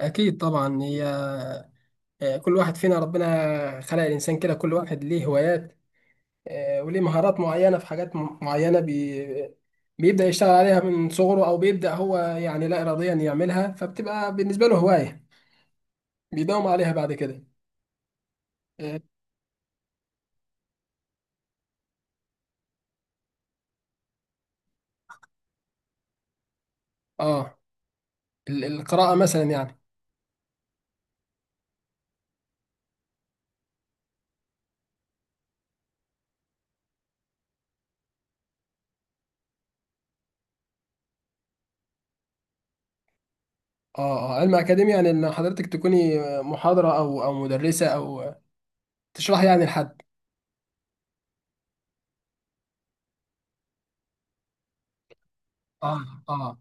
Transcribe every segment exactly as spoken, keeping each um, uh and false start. أكيد طبعا هي. آه، كل واحد فينا ربنا خلق الإنسان كده، كل واحد ليه هوايات. آه، وليه مهارات معينة في حاجات م- معينة، بي بيبدأ يشتغل عليها من صغره، أو بيبدأ هو يعني لا إراديا يعملها، فبتبقى بالنسبة له هواية بيداوم عليها بعد كده. آه آه، ال- القراءة مثلا يعني. آه آه علم أكاديمي يعني إن حضرتك تكوني محاضرة، أو أو مدرسة، أو تشرحي يعني لحد. آه آه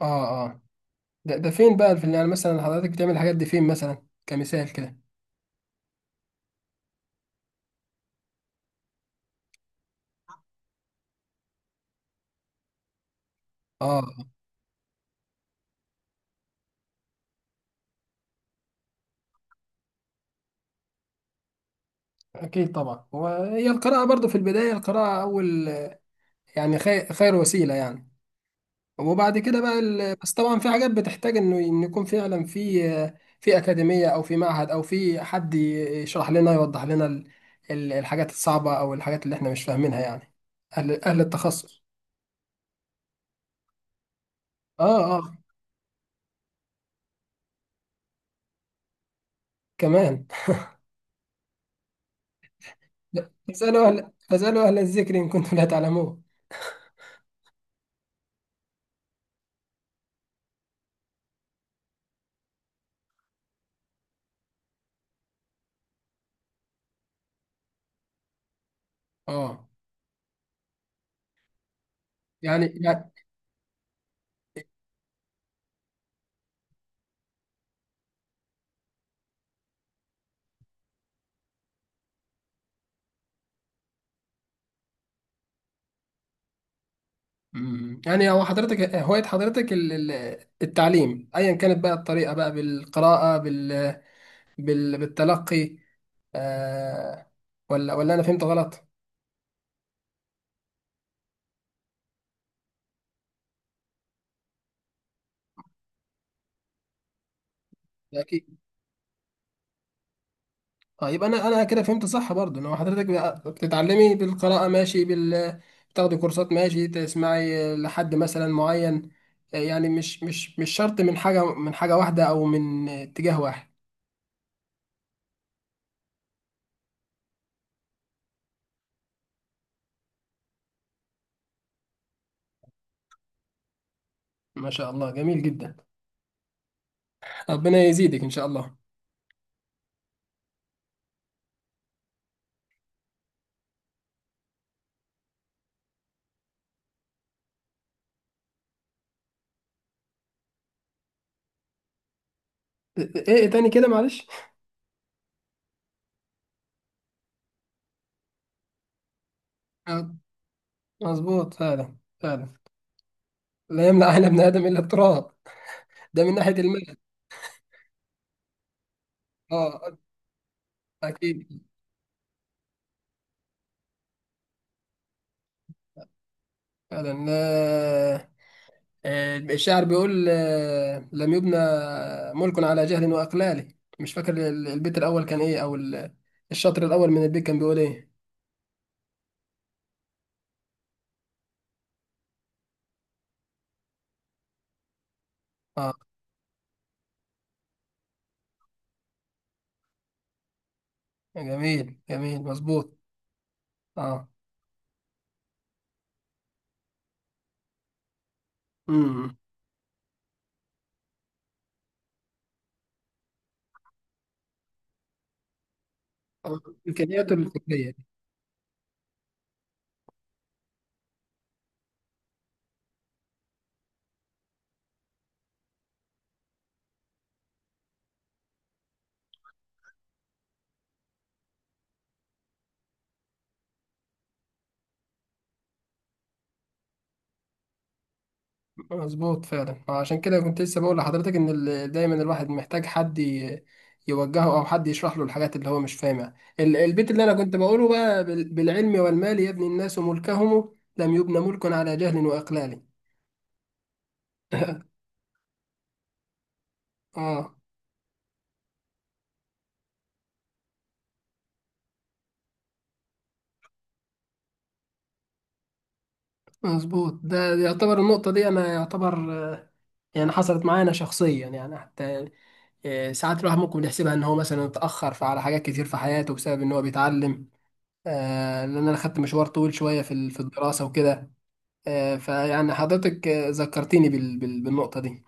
آه آه ده, ده فين بقى، في يعني مثلا حضرتك بتعمل الحاجات دي فين مثلا، كمثال كده؟ اه، اكيد طبعا. وهي القراءه برضو في البدايه، القراءه اول يعني خير, خير وسيله يعني. وبعد كده بقى ال... بس طبعا في حاجات بتحتاج انه إن يكون فعلا في في اكاديميه، او في معهد، او في حد يشرح لنا، يوضح لنا ال... ال- الحاجات الصعبه، او الحاجات اللي احنا مش فاهمينها يعني. اهل اهل التخصص. اه اه كمان. فاسالوا اهل فاسالوا اهل الذكر ان كنتم لا تعلمون. اه. يعني يعني مم. يعني هو حضرتك هواية حضرتك ال- ال- التعليم، أيا كانت بقى الطريقة بقى، بالقراءة، بال... بال... بالتلقي. آه... ولا ولا أنا فهمت غلط؟ أكيد. اه يبقى أنا أنا كده فهمت صح برضه، إن هو حضرتك بقى بتتعلمي بالقراءة، ماشي، بال بتاخدي كورسات، ماشي، تسمعي لحد مثلا معين. آه، يعني مش مش مش شرط من حاجة من حاجة واحدة أو من اتجاه واحد. ما شاء الله، جميل جدا. ربنا يزيدك إن شاء الله. إيه إيه تاني كده، معلش؟ مظبوط، فعلا فعلا. لا يملأ عين ابن آدم إلا التراب، ده من ناحية المال. اه. أكيد. فعلا. آه، آه، الشاعر بيقول آه، لم يبنى ملك على جهل وإقلال. مش فاكر ال- البيت الأول كان إيه، أو ال- الشطر الأول من البيت كان بيقول إيه. اه، جميل جميل، مظبوط. اه. امم الإمكانيات الفكرية. مظبوط فعلا، عشان كده كنت لسه بقول لحضرتك ان ال- دايما الواحد محتاج حد ي- يوجهه، او حد يشرح له الحاجات اللي هو مش فاهمها. ال- البيت اللي انا كنت بقوله بقى بال- بالعلم والمال يبني الناس ملكهم، لم يبنى ملك على جهل واقلال. اه. مظبوط، ده يعتبر، النقطة دي انا يعتبر آه، يعني حصلت معايا انا شخصيا يعني، حتى آه، ساعات الواحد ممكن يحسبها ان هو مثلا اتأخر في- على حاجات كتير في حياته بسبب ان هو بيتعلم. آه، لان انا خدت مشوار طويل شوية في ال- في الدراسة وكده. آه، فيعني حضرتك آه، ذكرتيني بال... بال... بالنقطة دي.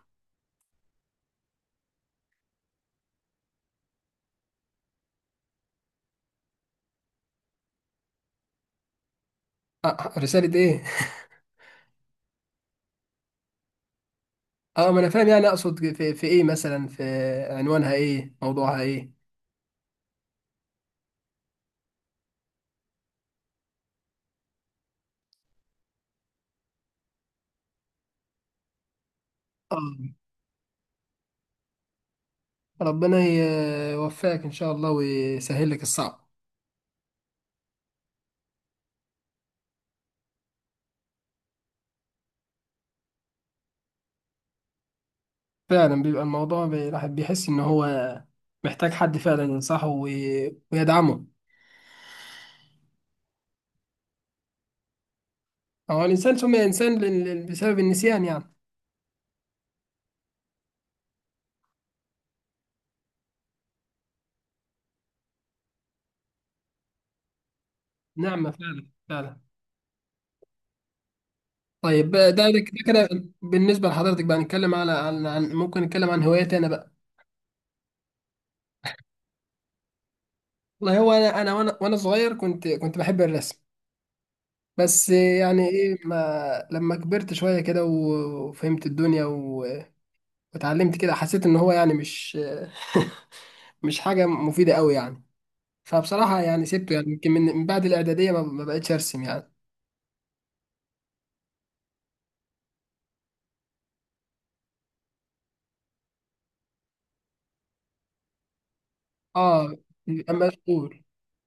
آه، رسالة ايه؟ اه، ما انا فاهم يعني، اقصد في... في ايه مثلا، في عنوانها ايه؟ موضوعها ايه؟ اه. ربنا يوفقك ان شاء الله، ويسهل لك الصعب. فعلا، بيبقى الموضوع بي- الواحد بيحس ان هو محتاج حد فعلا ينصحه وي... ويدعمه. هو الانسان سمي انسان لل- لل- بسبب النسيان يعني. نعمة، فعلا فعلا. طيب. آه، ده ده كده، بالنسبة لحضرتك بقى نتكلم على عن عن- ممكن نتكلم عن هواياتي انا بقى؟ والله هو انا انا وانا وانا صغير، كنت كنت بحب الرسم. بس يعني ايه، ما لما كبرت شويه كده و- وفهمت الدنيا و- واتعلمت كده، حسيت ان هو يعني مش مش حاجه مفيده قوي يعني. فبصراحه يعني سبته يعني، يمكن من من بعد الاعداديه ما ما بقتش ارسم يعني. اه، بيبقى مشغول،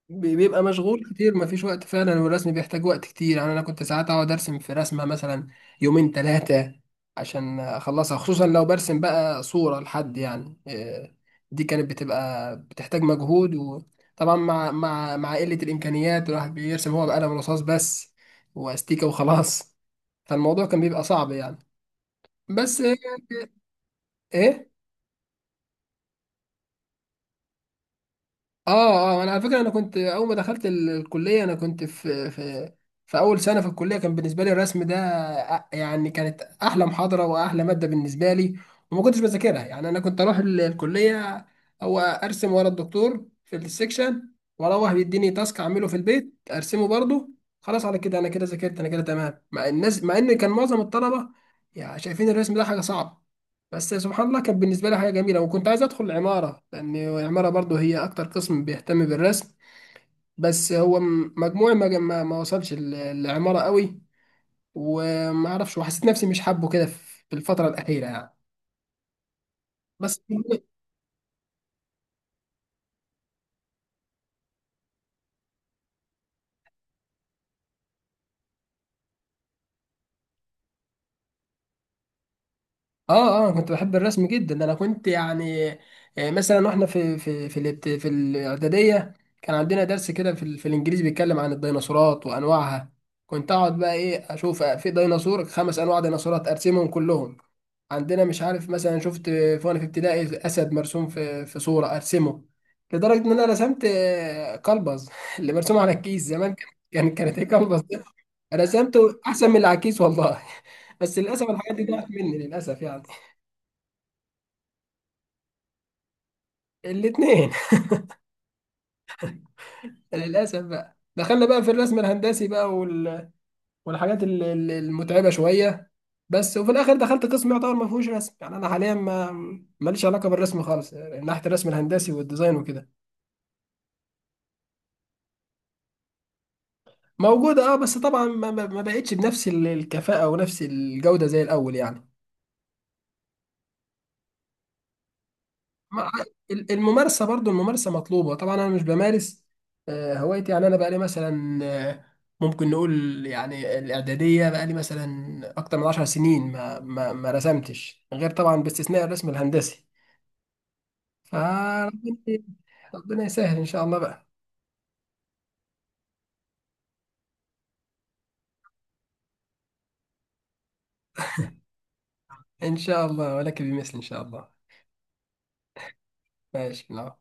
بي- بيبقى مشغول كتير، مفيش وقت فعلا. والرسم بيحتاج وقت كتير يعني، انا كنت ساعات اقعد ارسم في رسمه مثلا يومين ثلاثه عشان اخلصها، خصوصا لو برسم بقى صوره لحد، يعني إيه، دي كانت بتبقى بتحتاج مجهود. وطبعا مع مع مع قله الامكانيات، الواحد بيرسم هو بقلم رصاص بس، واستيكه، وخلاص. فالموضوع كان بيبقى صعب يعني، بس. ايه. اه، اه، انا على فكره، انا كنت اول ما دخلت ال- الكليه، انا كنت في في في اول سنه في الكليه كان بالنسبه لي الرسم ده أ- يعني كانت احلى محاضره واحلى ماده بالنسبه لي. وما كنتش بذاكرها يعني، انا كنت اروح ال- الكليه او ارسم ورا الدكتور في السكشن، واروح بيديني تاسك اعمله في البيت ارسمه برضه. خلاص، على كده انا كده ذاكرت، انا كده تمام مع الناس، مع ان كان معظم الطلبه يعني شايفين الرسم ده حاجه صعبه. بس سبحان الله كانت بالنسبة لي حاجة جميلة، وكنت عايز أدخل العمارة، لأن العمارة برضو هي أكتر قسم بيهتم بالرسم. بس هو م- مجموعي ما ما ما وصلش ال- العمارة قوي، وما أعرفش، وحسيت نفسي مش حابه كده في الفترة الأخيرة يعني، بس. اه، اه، كنت بحب الرسم جدا، انا كنت يعني آه، مثلا واحنا في في في الابت- في الاعداديه كان عندنا درس كده في, ال- في الانجليزي بيتكلم عن الديناصورات وانواعها، كنت اقعد بقى، ايه، اشوف آه، في ديناصور، خمس انواع ديناصورات، ارسمهم كلهم. عندنا مش عارف مثلا، شفت في- وانا في ابتدائي اسد مرسوم في في صوره، ارسمه. لدرجه ان انا رسمت آه، قلبز اللي مرسوم على الكيس زمان، كان كان كانت ايه قلبز ده. رسمته احسن من العكيس، والله. بس للاسف الحاجات دي ضاعت مني للاسف يعني. الاثنين. للاسف بقى، دخلنا بقى في الرسم الهندسي بقى وال... والحاجات ال- ال- المتعبه شويه. بس، وفي الاخر دخلت قسم يعتبر ما فيهوش رسم يعني، انا حاليا ما ماليش علاقه بالرسم خالص يعني، ناحيه الرسم الهندسي والديزاين وكده. موجوده، اه. بس طبعا ما, ما ما بقتش بنفس ال- الكفاءه ونفس الجوده زي الاول يعني. ما- ال- الممارسة برضو، الممارسة مطلوبة طبعا، أنا مش بمارس آه، هوايتي يعني، أنا بقالي مثلا آه، ممكن نقول يعني الإعدادية، بقالي مثلا أكتر من عشر سنين ما ما ما رسمتش، غير طبعا باستثناء الرسم الهندسي. فربنا ربنا يسهل إن شاء الله بقى. إن شاء الله، ولك بمثل إن شاء الله. ماشي، نعم.